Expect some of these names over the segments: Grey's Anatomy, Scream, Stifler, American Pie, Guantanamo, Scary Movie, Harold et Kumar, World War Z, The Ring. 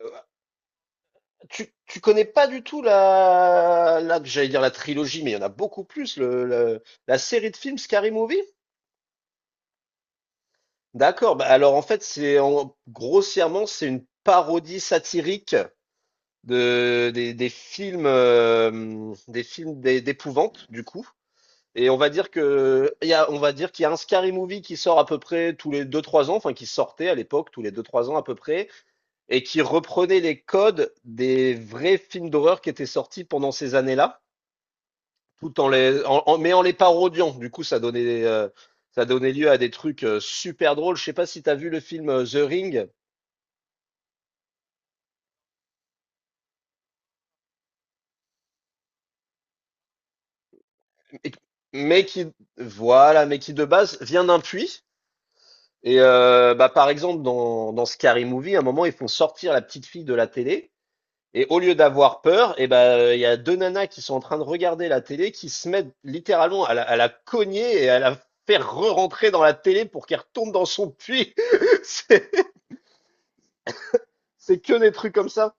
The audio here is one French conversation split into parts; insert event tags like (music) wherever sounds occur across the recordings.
Euh, tu connais pas du tout la j'allais dire la trilogie, mais il y en a beaucoup plus, la série de films Scary Movie? D'accord, bah alors en fait, grossièrement, c'est une parodie satirique de, des films d'épouvante, du coup. Et on va dire que on va dire qu'il y a un Scary Movie qui sort à peu près tous les deux trois ans, enfin qui sortait à l'époque tous les deux trois ans à peu près, et qui reprenait les codes des vrais films d'horreur qui étaient sortis pendant ces années-là, tout en les, en- en- mais en les parodiant. Du coup, ça donnait lieu à des trucs super drôles. Je sais pas si tu as vu le film The Ring, mais- mais qui, voilà, mais qui de base vient d'un puits. Et bah, par exemple, dans Scary Movie, à un moment, ils font sortir la petite fille de la télé. Et au lieu d'avoir peur, et ben il y a deux nanas qui sont en train de regarder la télé, qui se mettent littéralement à la cogner et à la faire re-rentrer dans la télé pour qu'elle retourne dans son puits. (laughs) C'est c'est que des trucs comme ça.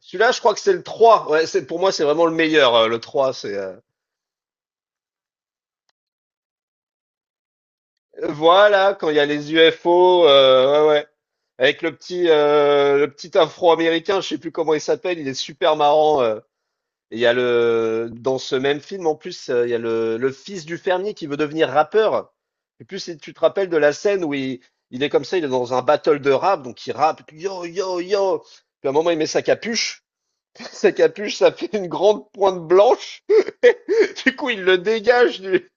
Celui-là, je crois que c'est le 3. Ouais, c'est, pour moi, c'est vraiment le meilleur. Le trois, c'est... Voilà, quand il y a les UFO, ouais, ouais. Avec le petit afro-américain, je sais plus comment il s'appelle, il est super marrant. Et il y a le... Dans ce même film, en plus, il y a le fils du fermier qui veut devenir rappeur. Et plus si tu te rappelles de la scène où il est comme ça, il est dans un battle de rap, donc il rappe, et puis yo, yo, yo. Puis à un moment, il met sa capuche. Sa capuche, ça fait une grande pointe blanche. (laughs) Du coup, il le dégage.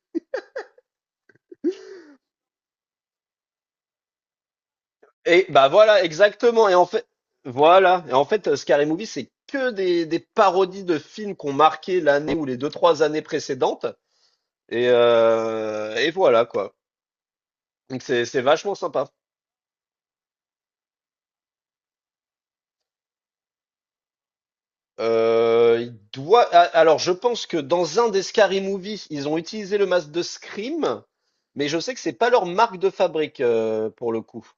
Et bah voilà, exactement. Et en fait, voilà. Et en fait, Scary Movie, c'est que des parodies de films qu'on marqué l'année ou les deux, trois années précédentes. Et voilà, quoi. Donc c'est vachement sympa. Alors, je pense que dans un des Scary Movie, ils ont utilisé le masque de Scream, mais je sais que c'est pas leur marque de fabrique pour le coup.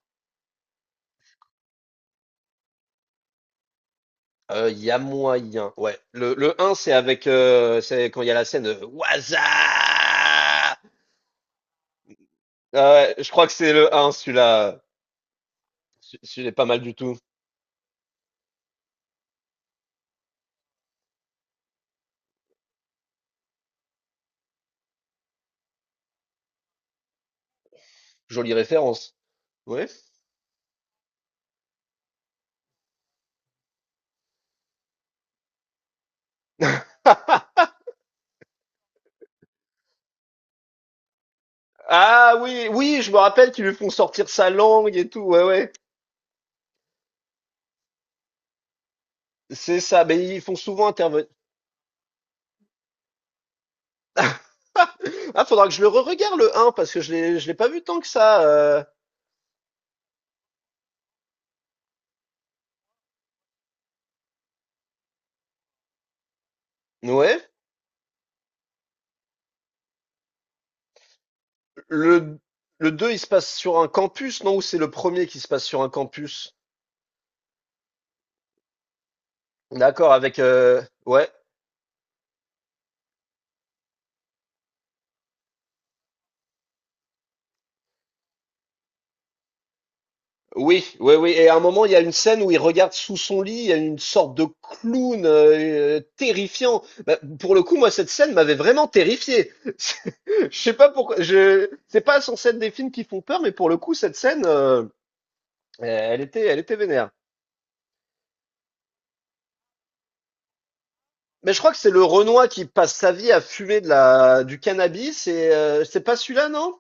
Il y a moyen, ouais. Le un c'est avec, c'est quand il y a la scène, Waza! Ouais, ouais, je crois que c'est le un celui-là. Ce Celui-là est pas mal du tout. Jolie référence. Ouais. (laughs) Ah oui, oui, je me rappelle qu'ils lui font sortir sa langue et tout, ouais, ouais. C'est ça, mais ils font souvent intervenir. (laughs) Ah, faudra que je le regarde le un parce que je l'ai pas vu tant que ça, ouais. Le le deux il se passe sur un campus, non? Ou c'est le premier qui se passe sur un campus? D'accord, avec ouais, oui, oui, oui. Et à un moment, il y a une scène où il regarde sous son lit, il y a une sorte de clown terrifiant. Bah, pour le coup, moi, cette scène m'avait vraiment terrifié. (laughs) C'est- Je sais pas pourquoi. C'est pas sans scène des films qui font peur, mais pour le coup, cette scène, elle était vénère. Mais je crois que c'est le Renoir qui passe sa vie à fumer du cannabis. Et c'est pas celui-là, non?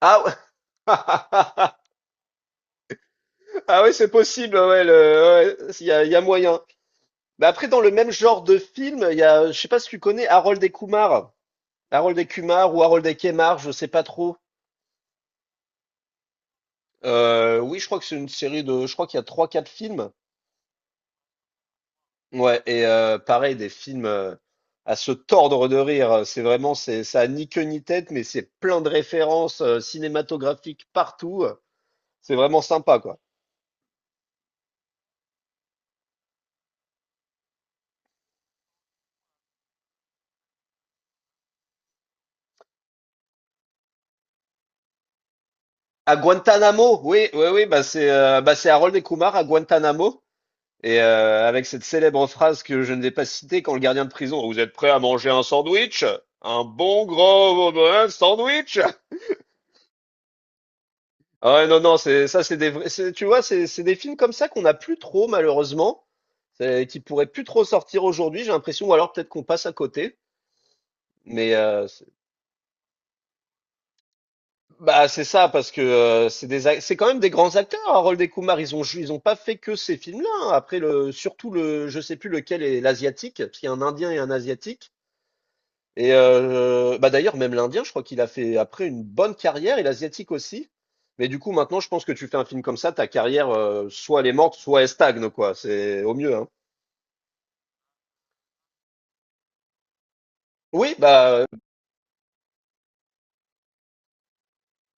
Ah ouais. (laughs) Ah oui, c'est possible. Ouais, il y a moyen. Bah après, dans le même genre de film, je sais pas si tu connais Harold et Kumar. Harold et Kumar ou Harold et Kemar, je sais pas trop. Oui, je crois que c'est une série de, je crois qu'il y a trois, quatre films. Ouais, et pareil, des films à se tordre de rire. C'est vraiment, ça a ni queue ni tête, mais c'est plein de références cinématographiques partout. C'est vraiment sympa, quoi. À Guantanamo, oui, oui, oui, bah c'est Harold et Kumar à Guantanamo. Et avec cette célèbre phrase que je ne vais pas citer quand le gardien de prison, vous êtes prêt à manger un sandwich? Un bon gros sandwich? Ah ouais, non, non, c'est ça, c'est des vrais, tu vois, c'est des films comme ça qu'on n'a plus trop, malheureusement, qui pourraient plus trop sortir aujourd'hui, j'ai l'impression, ou alors peut-être qu'on passe à côté. Mais bah c'est ça parce que c'est des c'est quand même des grands acteurs hein, Harold et Kumar ils ont ils ont pas fait que ces films-là hein. Après le surtout le je sais plus lequel est l'asiatique parce qu'il y a un Indien et un asiatique. Et bah d'ailleurs, même l'Indien, je crois qu'il a fait après une bonne carrière, et l'Asiatique aussi. Mais du coup, maintenant, je pense que tu fais un film comme ça, ta carrière, soit elle est morte, soit elle stagne, quoi. C'est au mieux, hein. Oui, bah,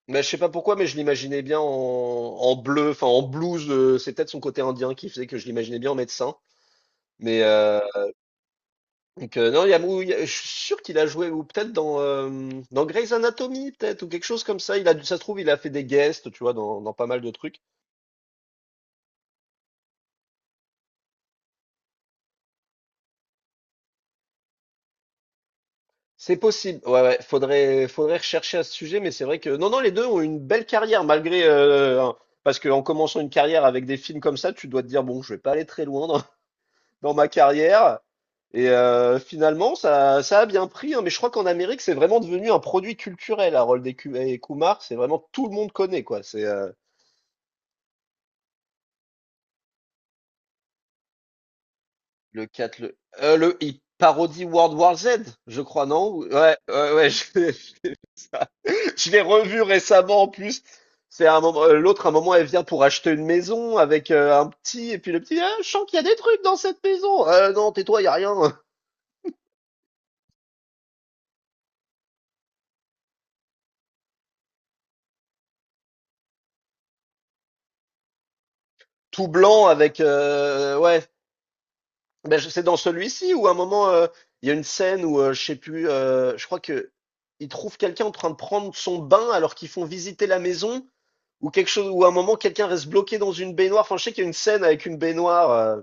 mais je sais pas pourquoi, mais je l'imaginais bien en, en bleu, enfin en blues. C'est peut-être son côté indien qui faisait que je l'imaginais bien en médecin. Mais non, il y a- je suis sûr qu'il a joué, ou peut-être dans Grey's Anatomy, peut-être, ou quelque chose comme ça. Ça se trouve, il a fait des guests, tu vois, dans pas mal de trucs. C'est possible. Ouais, ouais. Faudrait rechercher à ce sujet, mais c'est vrai que non, non, les deux ont une belle carrière malgré parce qu'en commençant une carrière avec des films comme ça, tu dois te dire bon, je vais pas aller très loin dans, (laughs) dans ma carrière. Et finalement, ça a bien pris, hein. Mais je crois qu'en Amérique, c'est vraiment devenu un produit culturel. Harold et Kumar, c'est vraiment tout le monde connaît quoi. C'est Le 4 le il parodie World War Z, je crois, non? Ou- Ouais, ouais, ouais. (laughs) Je l'ai revu récemment en plus. C'est Un moment, elle vient pour acheter une maison avec un petit, et puis le petit, ah, je sens qu'il y a des trucs dans cette maison. Non, tais-toi, il y a rien. (laughs) Tout blanc avec, ouais. Ben, c'est dans celui-ci où à un moment, il y a une scène où je crois que ils trouvent quelqu'un en train de prendre son bain alors qu'ils font visiter la maison ou quelque chose, ou à un moment, quelqu'un reste bloqué dans une baignoire. Enfin, je sais qu'il y a une scène avec une baignoire.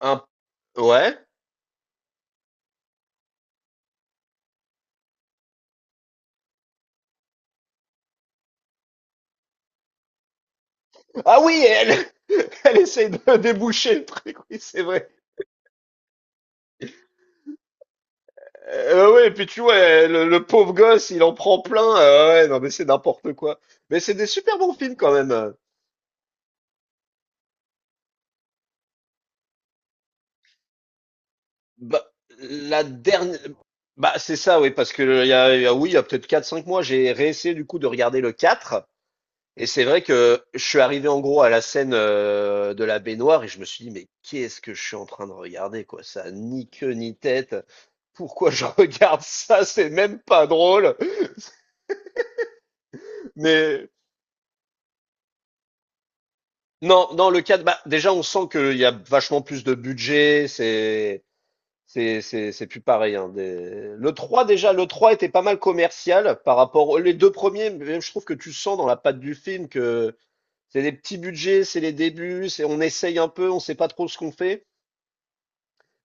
un, ouais. Ah oui, elle (laughs) elle essaye de (laughs) déboucher le truc, oui, c'est vrai. Ouais, et puis tu vois, le pauvre gosse, il en prend plein. Ouais, non, mais c'est n'importe quoi. Mais c'est des super bons films quand même. Bah, la dernière. Bah, c'est ça, oui, parce que oui, il y a peut-être quatre, cinq mois, j'ai réessayé du coup de regarder le 4. Et c'est vrai que je suis arrivé en gros à la scène de la baignoire et je me suis dit, mais qu'est-ce que je suis en train de regarder, quoi? Ça a ni queue ni tête. Pourquoi je (laughs) regarde ça? C'est même pas drôle. Mais non, dans le cadre, bah, déjà, on sent qu'il y a vachement plus de budget. C'est plus pareil, hein. Le 3 était pas mal commercial par rapport aux les deux premiers. Même, je trouve que tu sens dans la patte du film que c'est des petits budgets, c'est les débuts, c'est, on essaye un peu, on sait pas trop ce qu'on fait.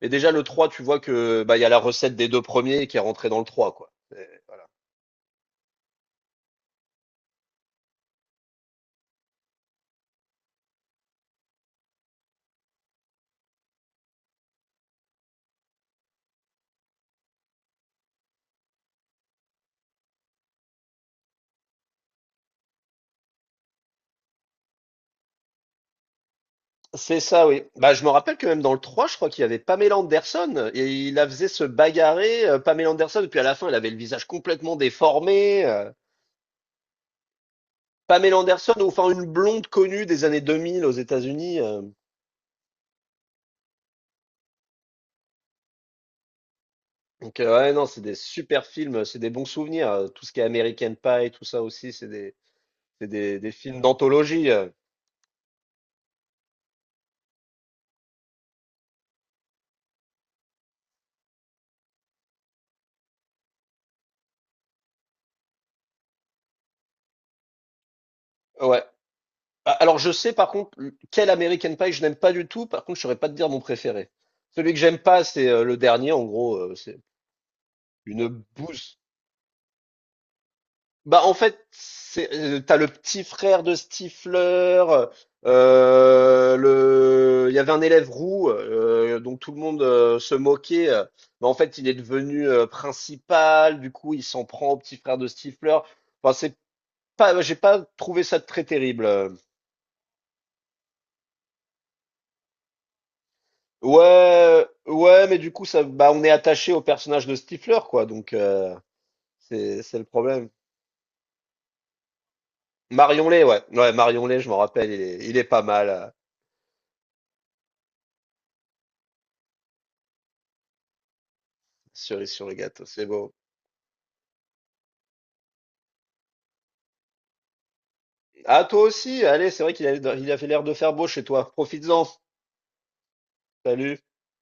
Mais déjà, le 3, tu vois que bah, il y a la recette des deux premiers qui est rentrée dans le trois quoi. C'est ça, oui. Bah, je me rappelle que même dans le 3, je crois qu'il y avait Pamela Anderson et il la faisait se bagarrer, Pamela Anderson, et puis à la fin, elle avait le visage complètement déformé. Pamela Anderson, ou enfin une blonde connue des années 2000 aux États-Unis. Donc, ouais, non, c'est des super films, c'est des bons souvenirs. Tout ce qui est American Pie, tout ça aussi, c'est des films d'anthologie. Ouais. Ah, alors, je sais par contre quel American Pie je n'aime pas du tout. Par contre, je saurais pas te dire mon préféré. Celui que j'aime pas, c'est le dernier. En gros, c'est une bouse. Bah, en fait, t'as le petit frère de Stifler. Il y avait un élève roux dont tout le monde se moquait. Mais en fait, il est devenu principal. Du coup, il s'en prend au petit frère de Stifler. Enfin, c'est pas, j'ai pas trouvé ça très terrible. Ouais, ouais, mais du coup, bah, on est attaché au personnage de Stifler, quoi. Donc, c'est le problème. Marion Lay, ouais. Ouais, Marion Lay, je m'en rappelle, il est pas mal. Cerise sur le gâteau, c'est beau. Ah, toi aussi, allez, c'est vrai qu'il avait l'air de faire beau chez toi. Profites-en. Salut.